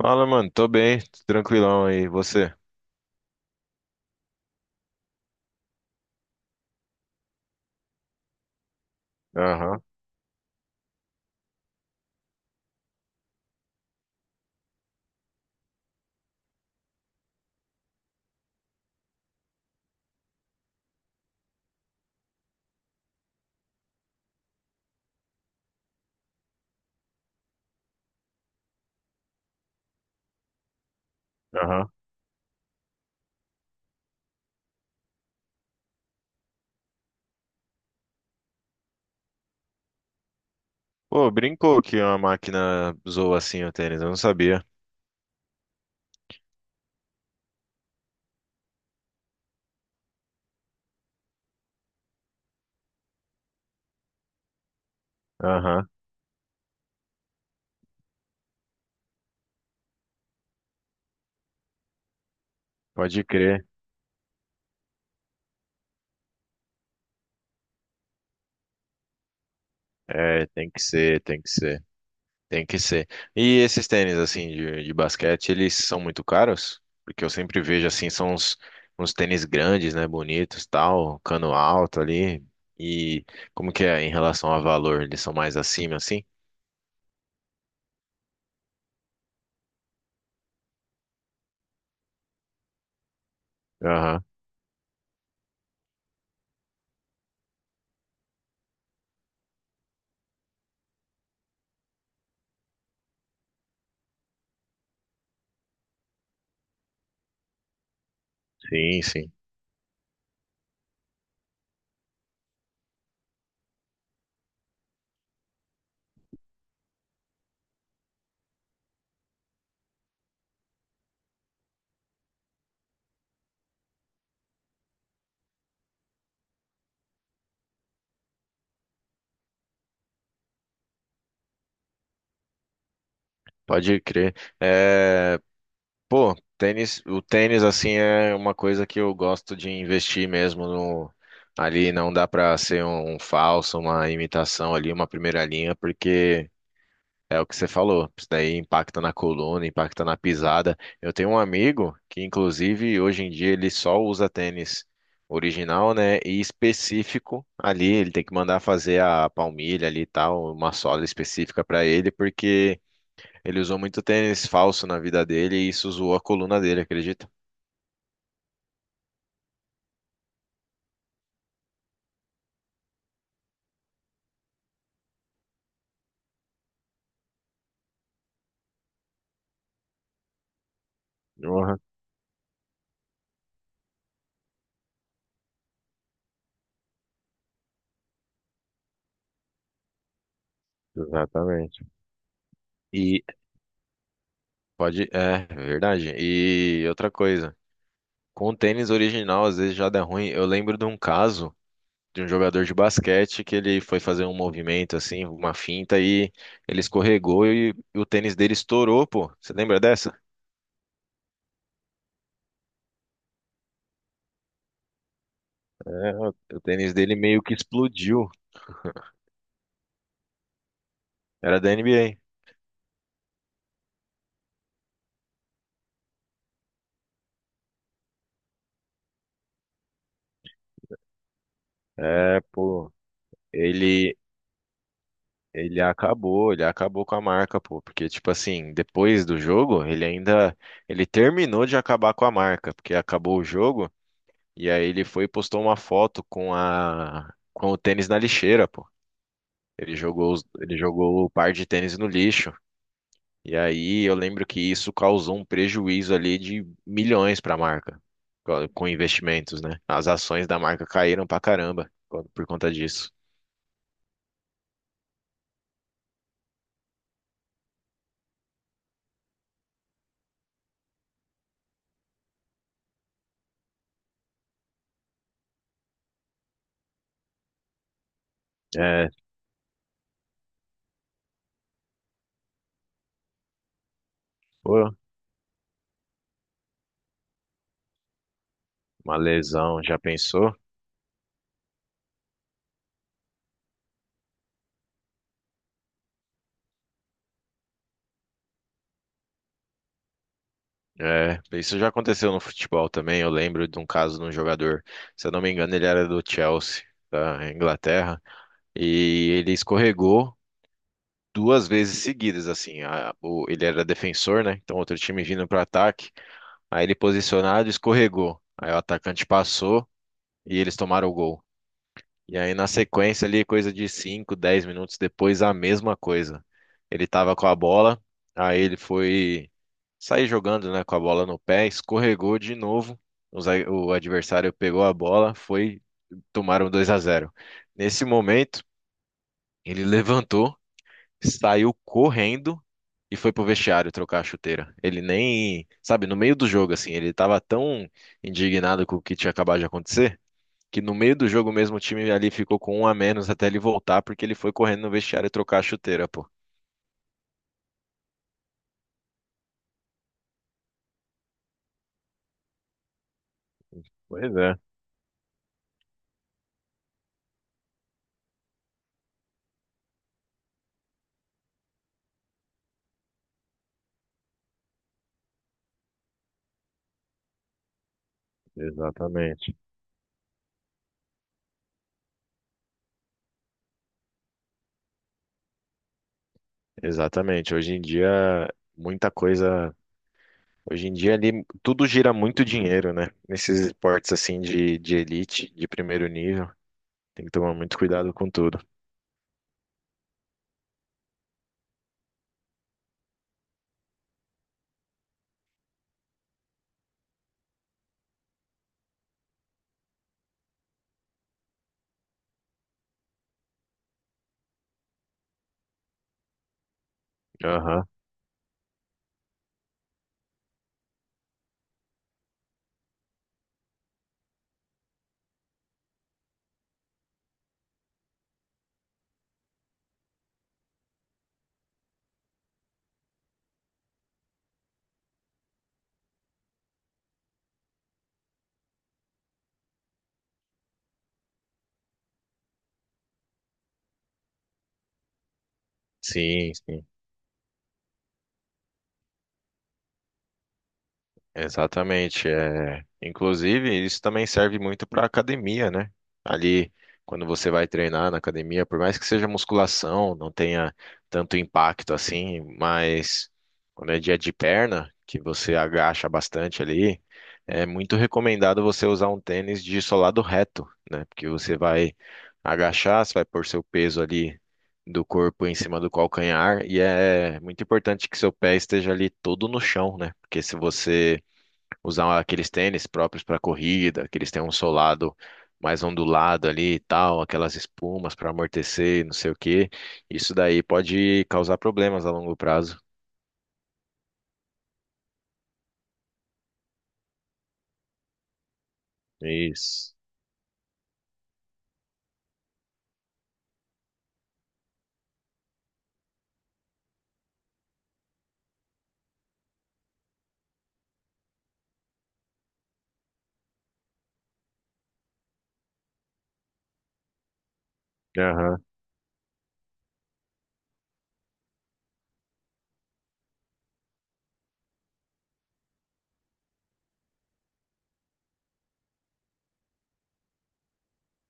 Fala, mano. Tô bem, tranquilão aí. Você? Aham, aham. Pô, brincou que uma máquina zoa assim o tênis, eu não sabia. Aham, pode crer. É, tem que ser, tem que ser, tem que ser. E esses tênis assim de basquete, eles são muito caros? Porque eu sempre vejo assim, são uns tênis grandes, né, bonitos, tal, cano alto ali. E como que é em relação a valor? Eles são mais acima assim? Aham, sim, sim. Pode crer. É, pô, o tênis assim é uma coisa que eu gosto de investir mesmo no ali não dá pra ser um falso, uma imitação ali, uma primeira linha, porque é o que você falou, isso daí impacta na coluna, impacta na pisada. Eu tenho um amigo que inclusive hoje em dia ele só usa tênis original, né, e específico ali, ele tem que mandar fazer a palmilha ali e tal, uma sola específica pra ele, porque ele usou muito tênis falso na vida dele e isso zoou a coluna dele, acredita? Porra, exatamente. E pode, é verdade. E outra coisa, com o tênis original às vezes já dá ruim. Eu lembro de um caso de um jogador de basquete que ele foi fazer um movimento assim, uma finta e ele escorregou e o tênis dele estourou, pô. Você lembra dessa? É, o tênis dele meio que explodiu. Era da NBA. É, pô. Ele Ele ele acabou com a marca, pô, porque tipo assim, depois do jogo, ele terminou de acabar com a marca, porque acabou o jogo e aí ele foi e postou uma foto com o tênis na lixeira, pô. Ele jogou o par de tênis no lixo. E aí eu lembro que isso causou um prejuízo ali de milhões para a marca, com investimentos, né? As ações da marca caíram pra caramba por conta disso. É, pô, uma lesão, já pensou? É, isso já aconteceu no futebol também. Eu lembro de um caso de um jogador, se eu não me engano, ele era do Chelsea, da Inglaterra, e ele escorregou duas vezes seguidas, assim. Ele era defensor, né? Então outro time vindo para ataque, aí ele posicionado, escorregou. Aí o atacante passou e eles tomaram o gol. E aí, na sequência ali, coisa de 5 10 minutos depois, a mesma coisa. Ele tava com a bola, aí ele foi sair jogando, né, com a bola no pé, escorregou de novo. O adversário pegou a bola, foi, tomaram 2 a 0. Nesse momento, ele levantou, saiu correndo e foi pro vestiário trocar a chuteira. Ele nem, sabe, no meio do jogo assim, ele tava tão indignado com o que tinha acabado de acontecer que no meio do jogo mesmo o time ali ficou com um a menos até ele voltar, porque ele foi correndo no vestiário e trocar a chuteira, pô. Pois é, exatamente. Exatamente. Hoje em dia, muita coisa. Hoje em dia ali tudo gira muito dinheiro, né? Nesses esportes assim de elite, de primeiro nível. Tem que tomar muito cuidado com tudo. Aham. Sim, sim. Exatamente. É... Inclusive, isso também serve muito para academia, né? Ali, quando você vai treinar na academia, por mais que seja musculação, não tenha tanto impacto assim, mas quando é dia de perna, que você agacha bastante ali, é muito recomendado você usar um tênis de solado reto, né? Porque você vai agachar, você vai pôr seu peso ali do corpo em cima do calcanhar, e é muito importante que seu pé esteja ali todo no chão, né? Porque se você usar aqueles tênis próprios para corrida, que eles têm um solado mais ondulado ali e tal, aquelas espumas para amortecer, e não sei o quê. Isso daí pode causar problemas a longo prazo. Isso. Aham,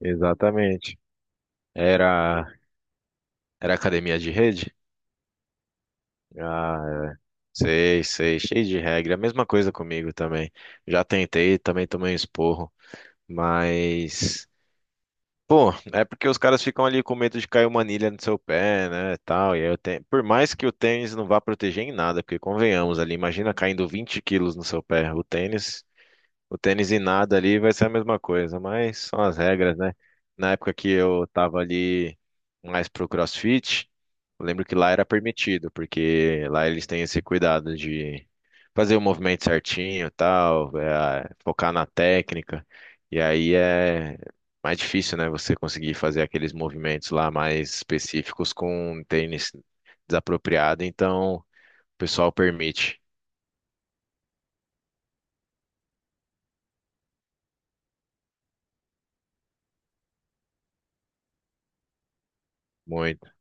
exatamente. Era, era academia de rede? Ah, sei, sei, cheio de regra. A mesma coisa comigo também. Já tentei, também tomei um esporro, mas pô, é porque os caras ficam ali com medo de cair uma anilha no seu pé, né, tal, e aí eu tenho... Por mais que o tênis não vá proteger em nada, porque convenhamos ali, imagina caindo 20 quilos no seu pé, o tênis e nada ali vai ser a mesma coisa, mas são as regras, né? Na época que eu tava ali mais pro CrossFit, eu lembro que lá era permitido, porque lá eles têm esse cuidado de fazer o movimento certinho, e tal, é, focar na técnica. E aí é mais difícil, né, você conseguir fazer aqueles movimentos lá mais específicos com um tênis desapropriado, então o pessoal permite. Muito.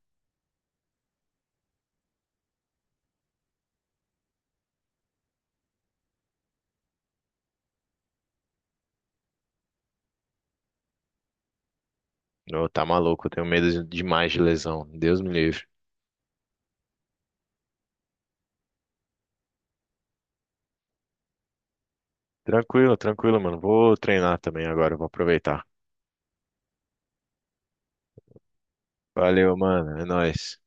Ô, tá maluco, eu tenho medo demais de lesão. Deus me livre. Tranquilo, tranquilo, mano. Vou treinar também agora, vou aproveitar. Valeu, mano. É nóis.